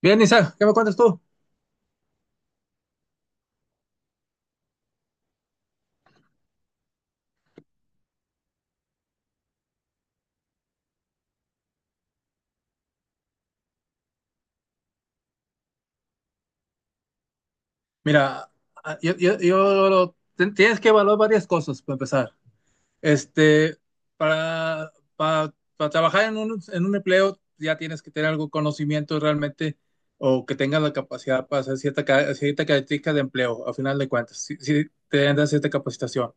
Bien, Isaac, ¿qué me cuentas tú? Mira, tienes que evaluar varias cosas para empezar. Este, para, para trabajar en en un empleo ya tienes que tener algún conocimiento realmente o que tengas la capacidad para hacer cierta característica de empleo, a final de cuentas, si te dan cierta capacitación.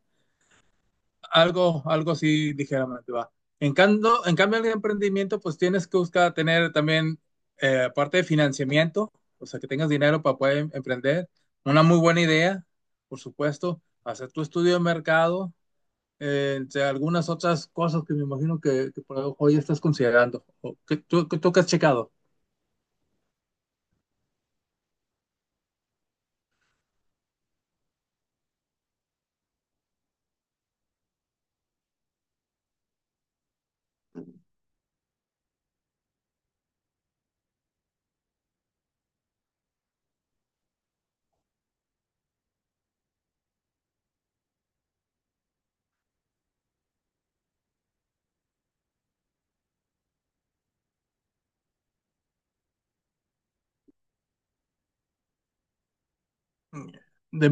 Algo así ligeramente va. En cambio, el emprendimiento, pues tienes que buscar tener también, aparte de financiamiento, o sea, que tengas dinero para poder emprender, una muy buena idea, por supuesto, hacer tu estudio de mercado, entre algunas otras cosas que me imagino que por ahí hoy estás considerando, o que tú que has checado. De,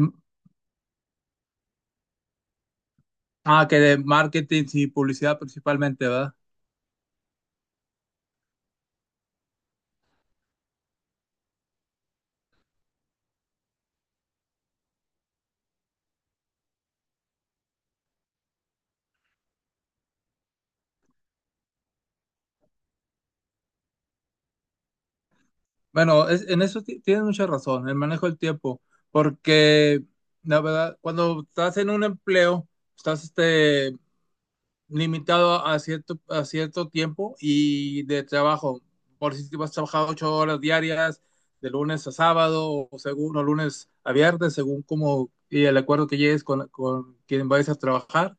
ah, que de marketing y publicidad principalmente, ¿verdad? Bueno, en eso tienes mucha razón, el manejo del tiempo, porque la verdad, cuando estás en un empleo, estás limitado a a cierto tiempo y de trabajo. Por si te vas a trabajar ocho horas diarias, de lunes a sábado, o según, o lunes a viernes, según como y el acuerdo que llegues con quien vayas a trabajar.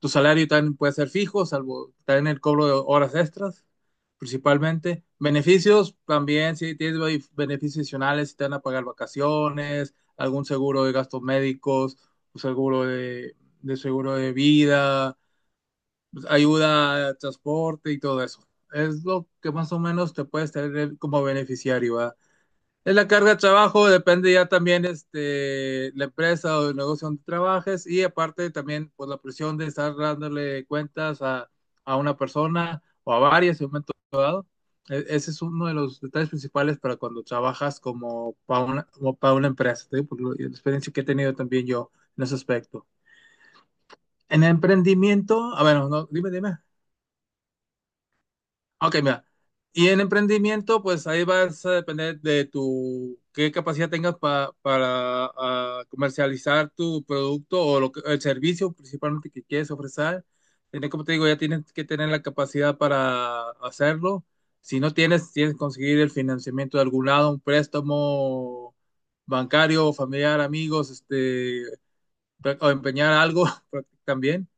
Tu salario también puede ser fijo, salvo también el cobro de horas extras, principalmente. Beneficios también, si tienes beneficios adicionales, si te van a pagar vacaciones, algún seguro de gastos médicos, un seguro de seguro de vida, pues, ayuda transporte y todo eso. Es lo que más o menos te puedes tener como beneficiario, ¿verdad? Es la carga de trabajo, depende ya también la empresa o el negocio donde trabajes y aparte también pues, la presión de estar dándole cuentas a una persona o a varias en un momento dado. Ese es uno de los detalles principales para cuando trabajas como para una empresa, te digo, por la experiencia que he tenido también yo en ese aspecto. En emprendimiento, a ver, no, dime. Ok, mira. Y en emprendimiento, pues ahí vas a depender de tu, qué capacidad tengas para comercializar tu producto o el servicio principalmente que quieres ofrecer. Tienes, como te digo, ya tienes que tener la capacidad para hacerlo. Si no tienes, tienes que conseguir el financiamiento de algún lado, un préstamo bancario, familiar, amigos, o empeñar algo también.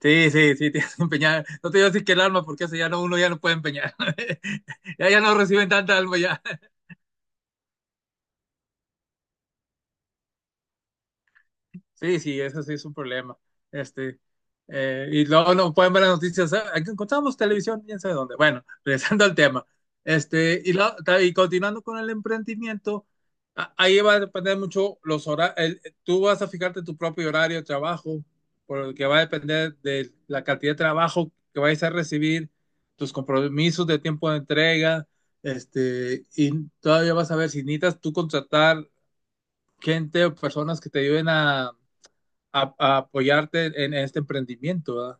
Sí, sí, sí, tienes que empeñar. No te digo así que el alma, porque eso ya no, uno ya no puede empeñar. Ya, ya no reciben tanta alma ya. Sí, sí, eso sí es un problema. Este, y luego no pueden ver las noticias. "Ah, aquí encontramos televisión, quién sabe dónde." Bueno, regresando al tema. Y continuando con el emprendimiento, ahí va a depender mucho los horarios. Tú vas a fijarte tu propio horario de trabajo, por el que va a depender de la cantidad de trabajo que vayas a recibir, tus compromisos de tiempo de entrega. Y todavía vas a ver si necesitas tú contratar gente o personas que te ayuden a apoyarte en este emprendimiento, ¿verdad?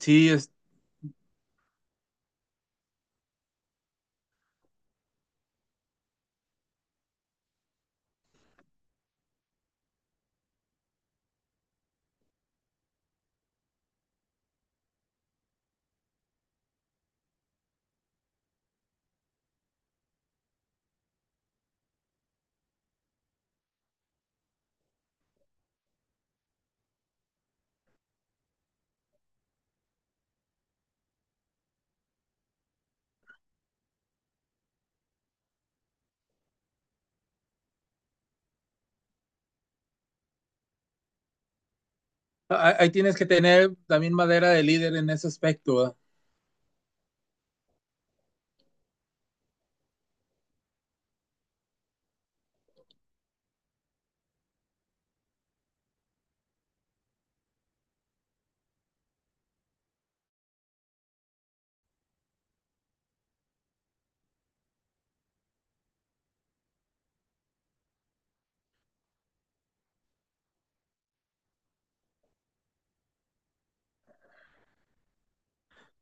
Sí, es, ahí tienes que tener también madera de líder en ese aspecto, ¿verdad?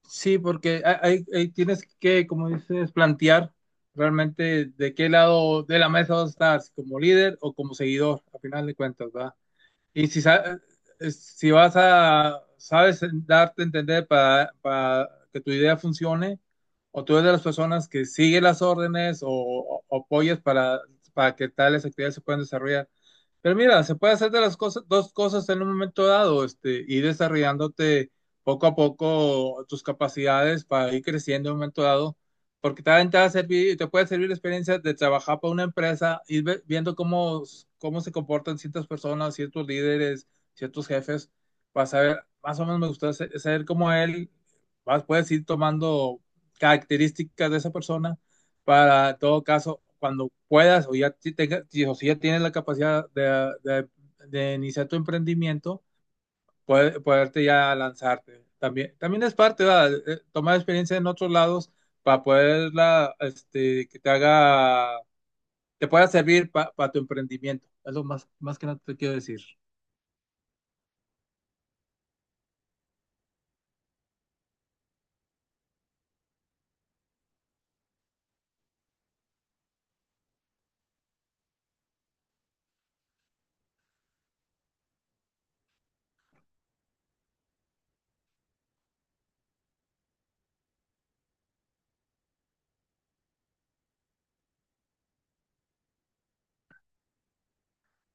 Sí, porque ahí tienes que, como dices, plantear realmente de qué lado de la mesa vas a estar, si como líder o como seguidor, a final de cuentas, ¿verdad? Y si vas a, sabes darte a entender para que tu idea funcione, o tú eres de las personas que sigue las órdenes o apoyas para que tales actividades se puedan desarrollar. Pero mira, se puede hacer de las cosas, dos cosas en un momento dado, ir desarrollándote poco a poco tus capacidades para ir creciendo en un momento dado porque también te va a servir, te puede servir la experiencia de trabajar para una empresa, ir viendo cómo se comportan ciertas personas, ciertos líderes, ciertos jefes, para saber, más o menos me gusta saber cómo él, vas, puedes ir tomando características de esa persona para, en todo caso, cuando puedas o ya o si ya tienes la capacidad de, de de iniciar tu emprendimiento poderte ya lanzarte. También es parte, ¿verdad? Tomar experiencia en otros lados para poderla, que te haga, te pueda servir para tu emprendimiento. Es lo más, más que nada te quiero decir.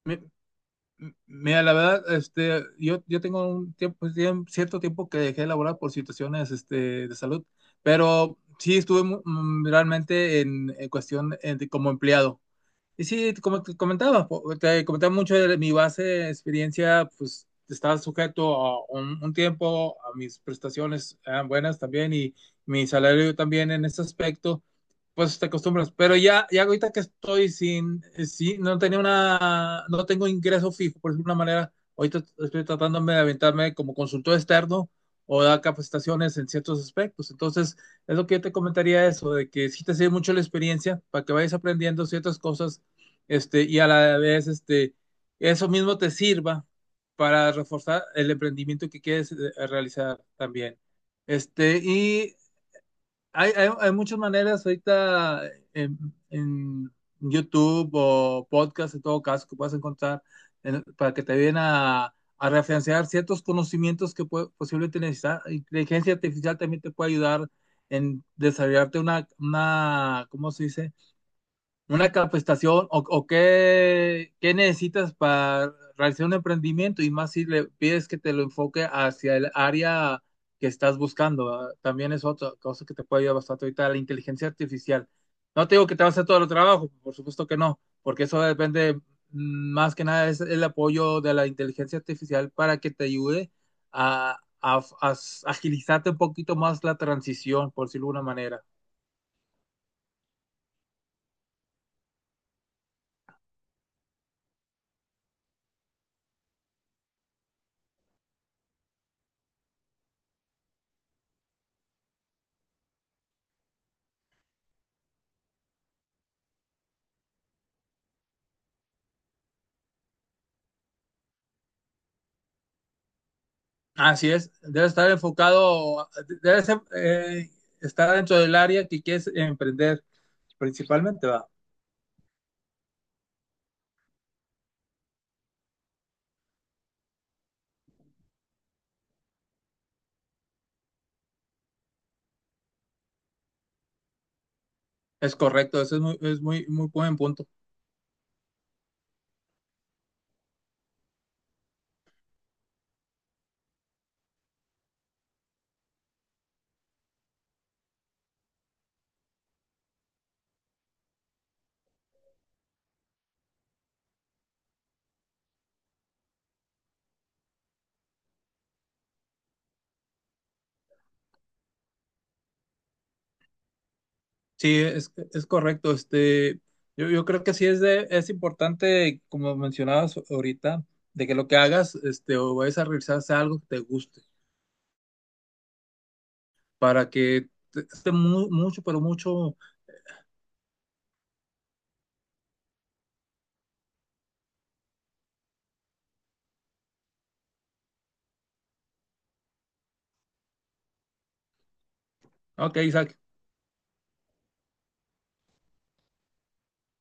Mi- Mira, la verdad, yo tengo un tiempo, cierto tiempo que dejé de laborar por situaciones, de salud, pero sí estuve realmente en cuestión como empleado. Y sí, como te comentaba, te comentaba mucho de mi base de experiencia, pues estaba sujeto a un tiempo, a mis prestaciones eran buenas también y mi salario también en ese aspecto, pues te acostumbras. Pero ya, ya ahorita que estoy sin, sin, no tenía una, no tengo ingreso fijo, por decirlo de una manera, ahorita estoy tratándome de aventarme como consultor externo o dar capacitaciones en ciertos aspectos. Entonces, es lo que yo te comentaría eso, de que sí te sirve mucho la experiencia para que vayas aprendiendo ciertas cosas y a la vez, eso mismo te sirva para reforzar el emprendimiento que quieres realizar también. Este, y hay muchas maneras ahorita en, en YouTube o podcast, en todo caso, que puedas encontrar para que te ayuden a referenciar ciertos conocimientos que posiblemente necesitas. Inteligencia artificial también te puede ayudar en desarrollarte una, ¿cómo se dice? Una capacitación o qué, qué necesitas para realizar un emprendimiento y más si le pides que te lo enfoque hacia el área que estás buscando, ¿verdad? También es otra cosa que te puede ayudar bastante ahorita, la inteligencia artificial. No te digo que te va a hacer todo el trabajo, por supuesto que no, porque eso depende más que nada es el apoyo de la inteligencia artificial para que te ayude a agilizarte un poquito más la transición, por decirlo de alguna manera. Así es, debe estar enfocado, debe ser, estar dentro del área que quieres emprender principalmente, va. Es correcto, eso es muy, muy buen punto. Sí, es correcto. Yo creo que sí es de, es importante, como mencionabas ahorita, de que lo que hagas, o vayas a realizar sea algo que te guste, para que esté mucho, pero mucho, ok, Isaac,